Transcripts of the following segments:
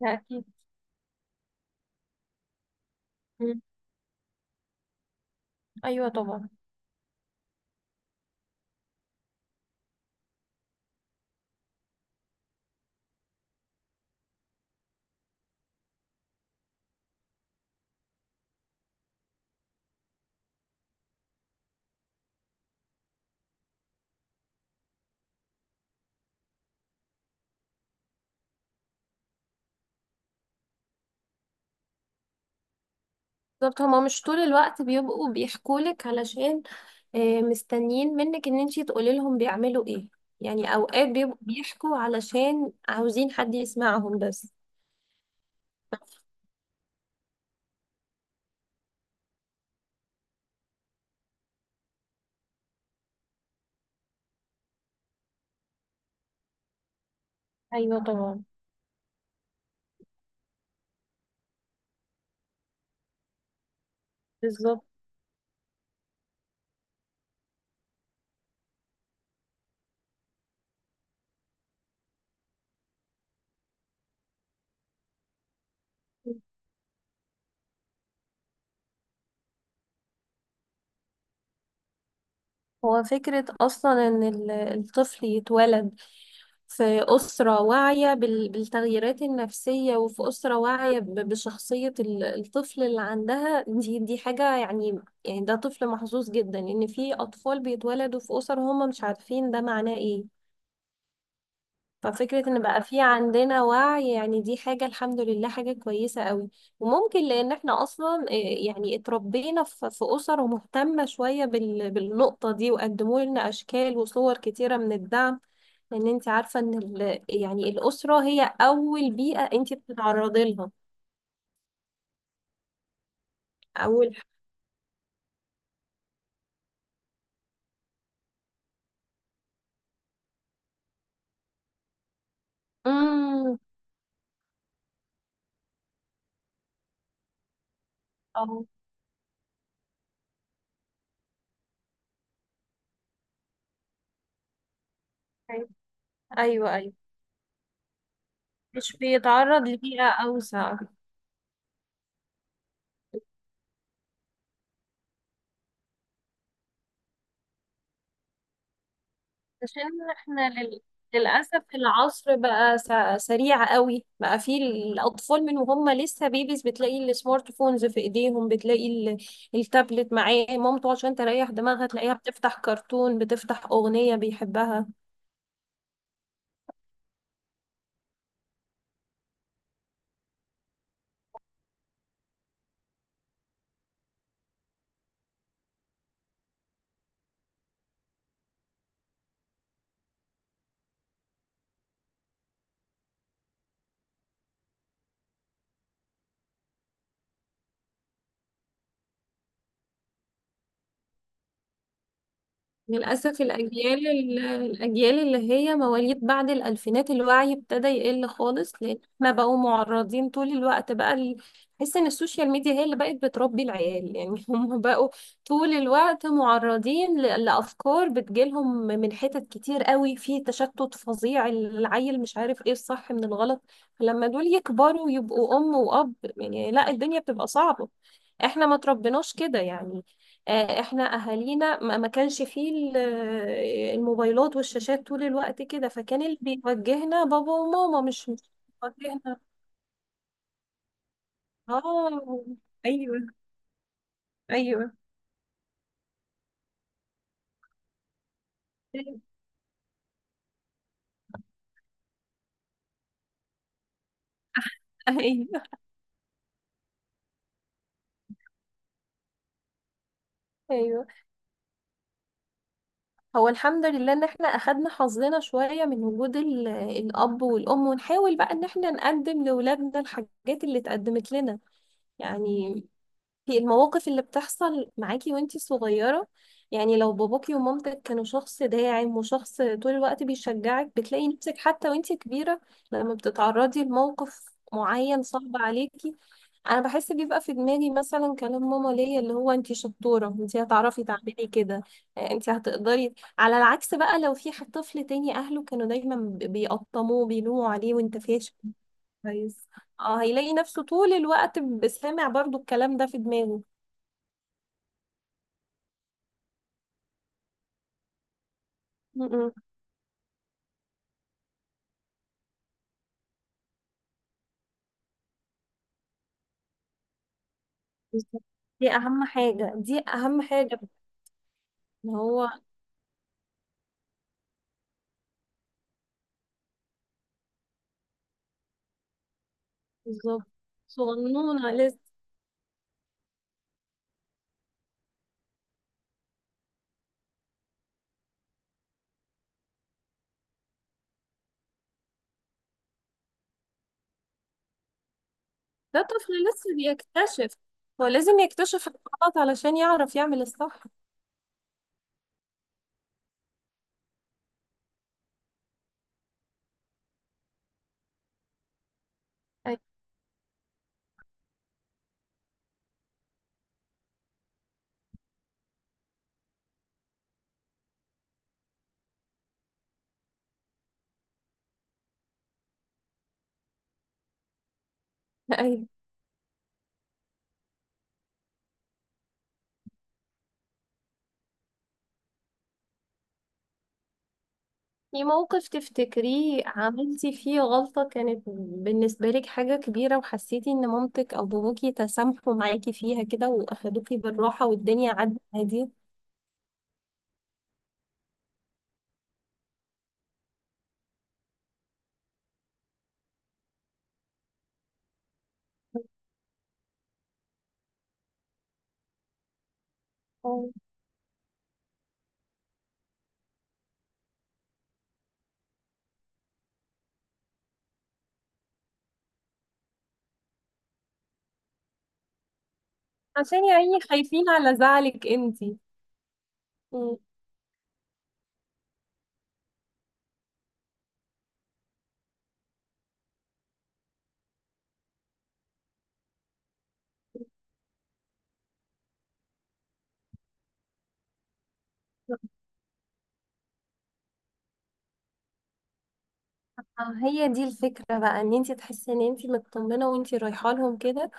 لا، أكيد. مم. أيوة، طبعا. بالظبط. هما مش طول الوقت بيبقوا بيحكولك علشان مستنيين منك إن انتي تقولي لهم بيعملوا إيه. يعني أوقات بيبقوا بيحكوا علشان عاوزين حد يسمعهم بس. أيوة، طبعا. بالظبط. هو فكرة أصلا إن الطفل يتولد في أسرة واعية بالتغييرات النفسية، وفي أسرة واعية بشخصية الطفل اللي عندها، دي حاجة يعني. يعني ده طفل محظوظ جدا. إن في أطفال بيتولدوا في أسر هم مش عارفين ده معناه إيه. ففكرة ان بقى في عندنا وعي، يعني دي حاجة الحمد لله، حاجة كويسة قوي. وممكن لان احنا اصلا يعني اتربينا في اسر مهتمة شوية بالنقطة دي، وقدموا لنا اشكال وصور كتيرة من الدعم. لان انت عارفة ان يعني الاسرة هي اول بيئة انت بتتعرضي لها. اول. امم. اه. ايوه، ايوه. مش بيتعرض لبيئة اوسع. عشان احنا للأسف العصر بقى سريع قوي. بقى فيه الأطفال من وهم لسه بيبيز بتلاقي السمارت فونز في إيديهم، بتلاقي التابلت معاه مامته عشان تريح دماغها، تلاقيها بتفتح كرتون، بتفتح أغنية بيحبها. للأسف الأجيال اللي هي مواليد بعد الألفينات الوعي ابتدى يقل خالص، لأن احنا بقوا معرضين طول الوقت بقى بحس إن السوشيال ميديا هي اللي بقت بتربي العيال يعني. هم بقوا طول الوقت معرضين لأفكار بتجيلهم من حتت كتير قوي. في تشتت فظيع، العيل مش عارف إيه الصح من الغلط. فلما دول يكبروا ويبقوا أم وأب، يعني لا، الدنيا بتبقى صعبة. احنا ما تربناش كده يعني. احنا اهالينا ما كانش فيه الموبايلات والشاشات طول الوقت كده، فكان اللي بيوجهنا بابا وماما، مش بيوجهنا. اه. ايوه. ايوه. ايوه. ايوه. هو الحمد لله ان احنا اخدنا حظنا شويه من وجود الاب والام، ونحاول بقى ان احنا نقدم لاولادنا الحاجات اللي اتقدمت لنا يعني. في المواقف اللي بتحصل معاكي وانتي صغيرة، يعني لو باباكي ومامتك كانوا شخص داعم وشخص طول الوقت بيشجعك، بتلاقي نفسك حتى وانتي كبيرة لما بتتعرضي لموقف معين صعب عليكي. انا بحس بيبقى في دماغي مثلا كلام ماما ليا، اللي هو انتي شطورة، انتي هتعرفي تعملي كده، انتي هتقدري. على العكس بقى، لو في حد طفل تاني اهله كانوا دايما بيقطموه بيلوموا عليه، وانت فاشل. كويس. اه، هيلاقي نفسه طول الوقت سامع برضو الكلام ده في دماغه. م-م. بالظبط. دي اهم حاجة، دي اهم حاجة. ان هو. بالظبط. صغنونة لسه. ده طفل لسه بيكتشف، هو لازم يكتشف الغلط علشان يعرف يعمل الصح. أيوة. أيوة. في موقف تفتكريه عملتي فيه غلطة كانت بالنسبة لك حاجة كبيرة، وحسيتي ان مامتك او باباكي تسامحوا معاكي فيها كده واخدوكي بالراحة والدنيا عدت عادي؟ أوه. عشان يعني خايفين على زعلك انتي. م. اه، هي دي الفكرة بقى، ان انتي تحسي ان انتي مطمنة وانتي رايحة لهم كده.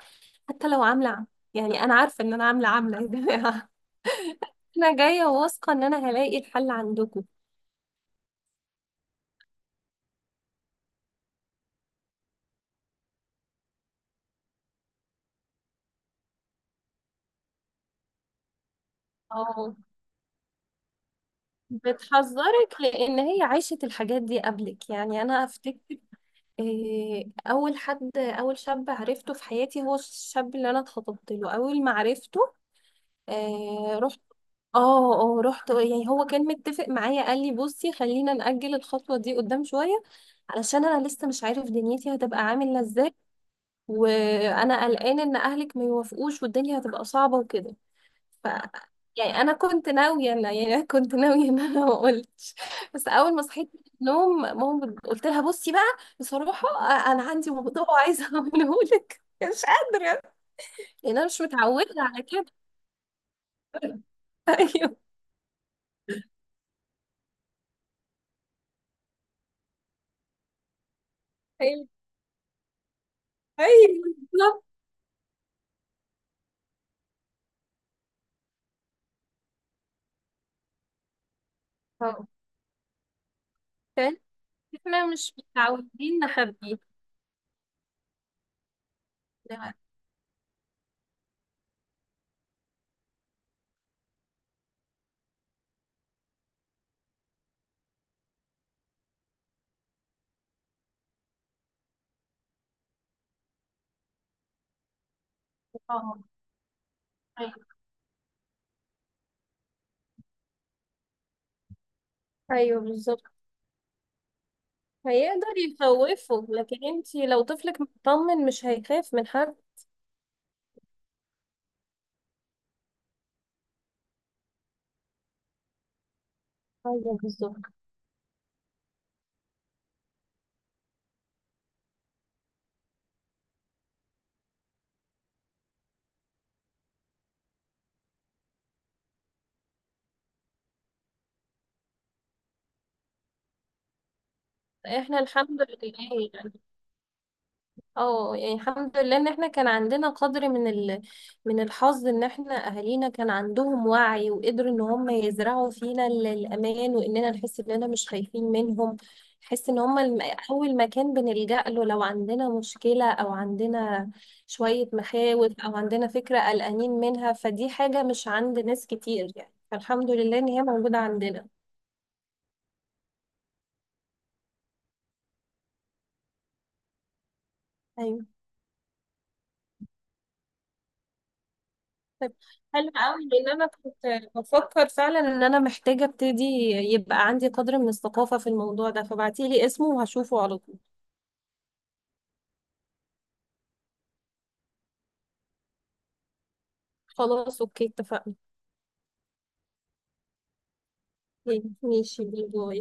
حتى لو يعني انا عارفة ان انا عاملة، عاملة يا جماعة. انا جاية واثقة ان انا هلاقي الحل عندكم. اه، بتحذرك لان هي عاشت الحاجات دي قبلك، يعني انا افتكر اول شاب عرفته في حياتي هو الشاب اللي انا اتخطبت له اول ما عرفته. إيه، اه، اه، رحت يعني. هو كان متفق معايا، قال لي بصي خلينا نأجل الخطوة دي قدام شوية، علشان انا لسه مش عارف دنيتي هتبقى عاملة ازاي، وانا قلقان ان اهلك ما يوافقوش والدنيا هتبقى صعبة وكده. ف يعني انا كنت ناوية ان يعني أنا كنت ناوية ان انا ما قلتش، بس اول ما صحيت من النوم ماما قلت لها بصي بقى، بصراحة انا عندي موضوع. عايزة اقوله لك مش قادرة، لان انا مش متعودة على كده. ايوه، ايوه، ايوه، بالظبط. اه. احنا مش متعودين نخبيه. لا. آه. أيوة. ايوه، بالظبط. هيقدر يخوفه، لكن انتي لو طفلك مطمن مش هيخاف من حد. ايوه، بالظبط. احنا الحمد لله يعني. اه يعني الحمد لله ان احنا كان عندنا قدر من الحظ، ان احنا اهالينا كان عندهم وعي وقدروا ان هم يزرعوا فينا الامان، واننا نحس اننا مش خايفين منهم. نحس ان هم اول مكان بنلجأ له لو عندنا مشكلة، او عندنا شوية مخاوف، او عندنا فكرة قلقانين منها. فدي حاجة مش عند ناس كتير يعني، فالحمد لله ان هي موجودة عندنا. أيوة. طيب، حلو قوي، لان انا كنت بفكر فعلا ان انا محتاجه ابتدي، يبقى عندي قدر من الثقافه في الموضوع ده. فبعتيلي اسمه وهشوفه على طول. خلاص. اوكي، اتفقنا. اوكي، ماشي، باي باي.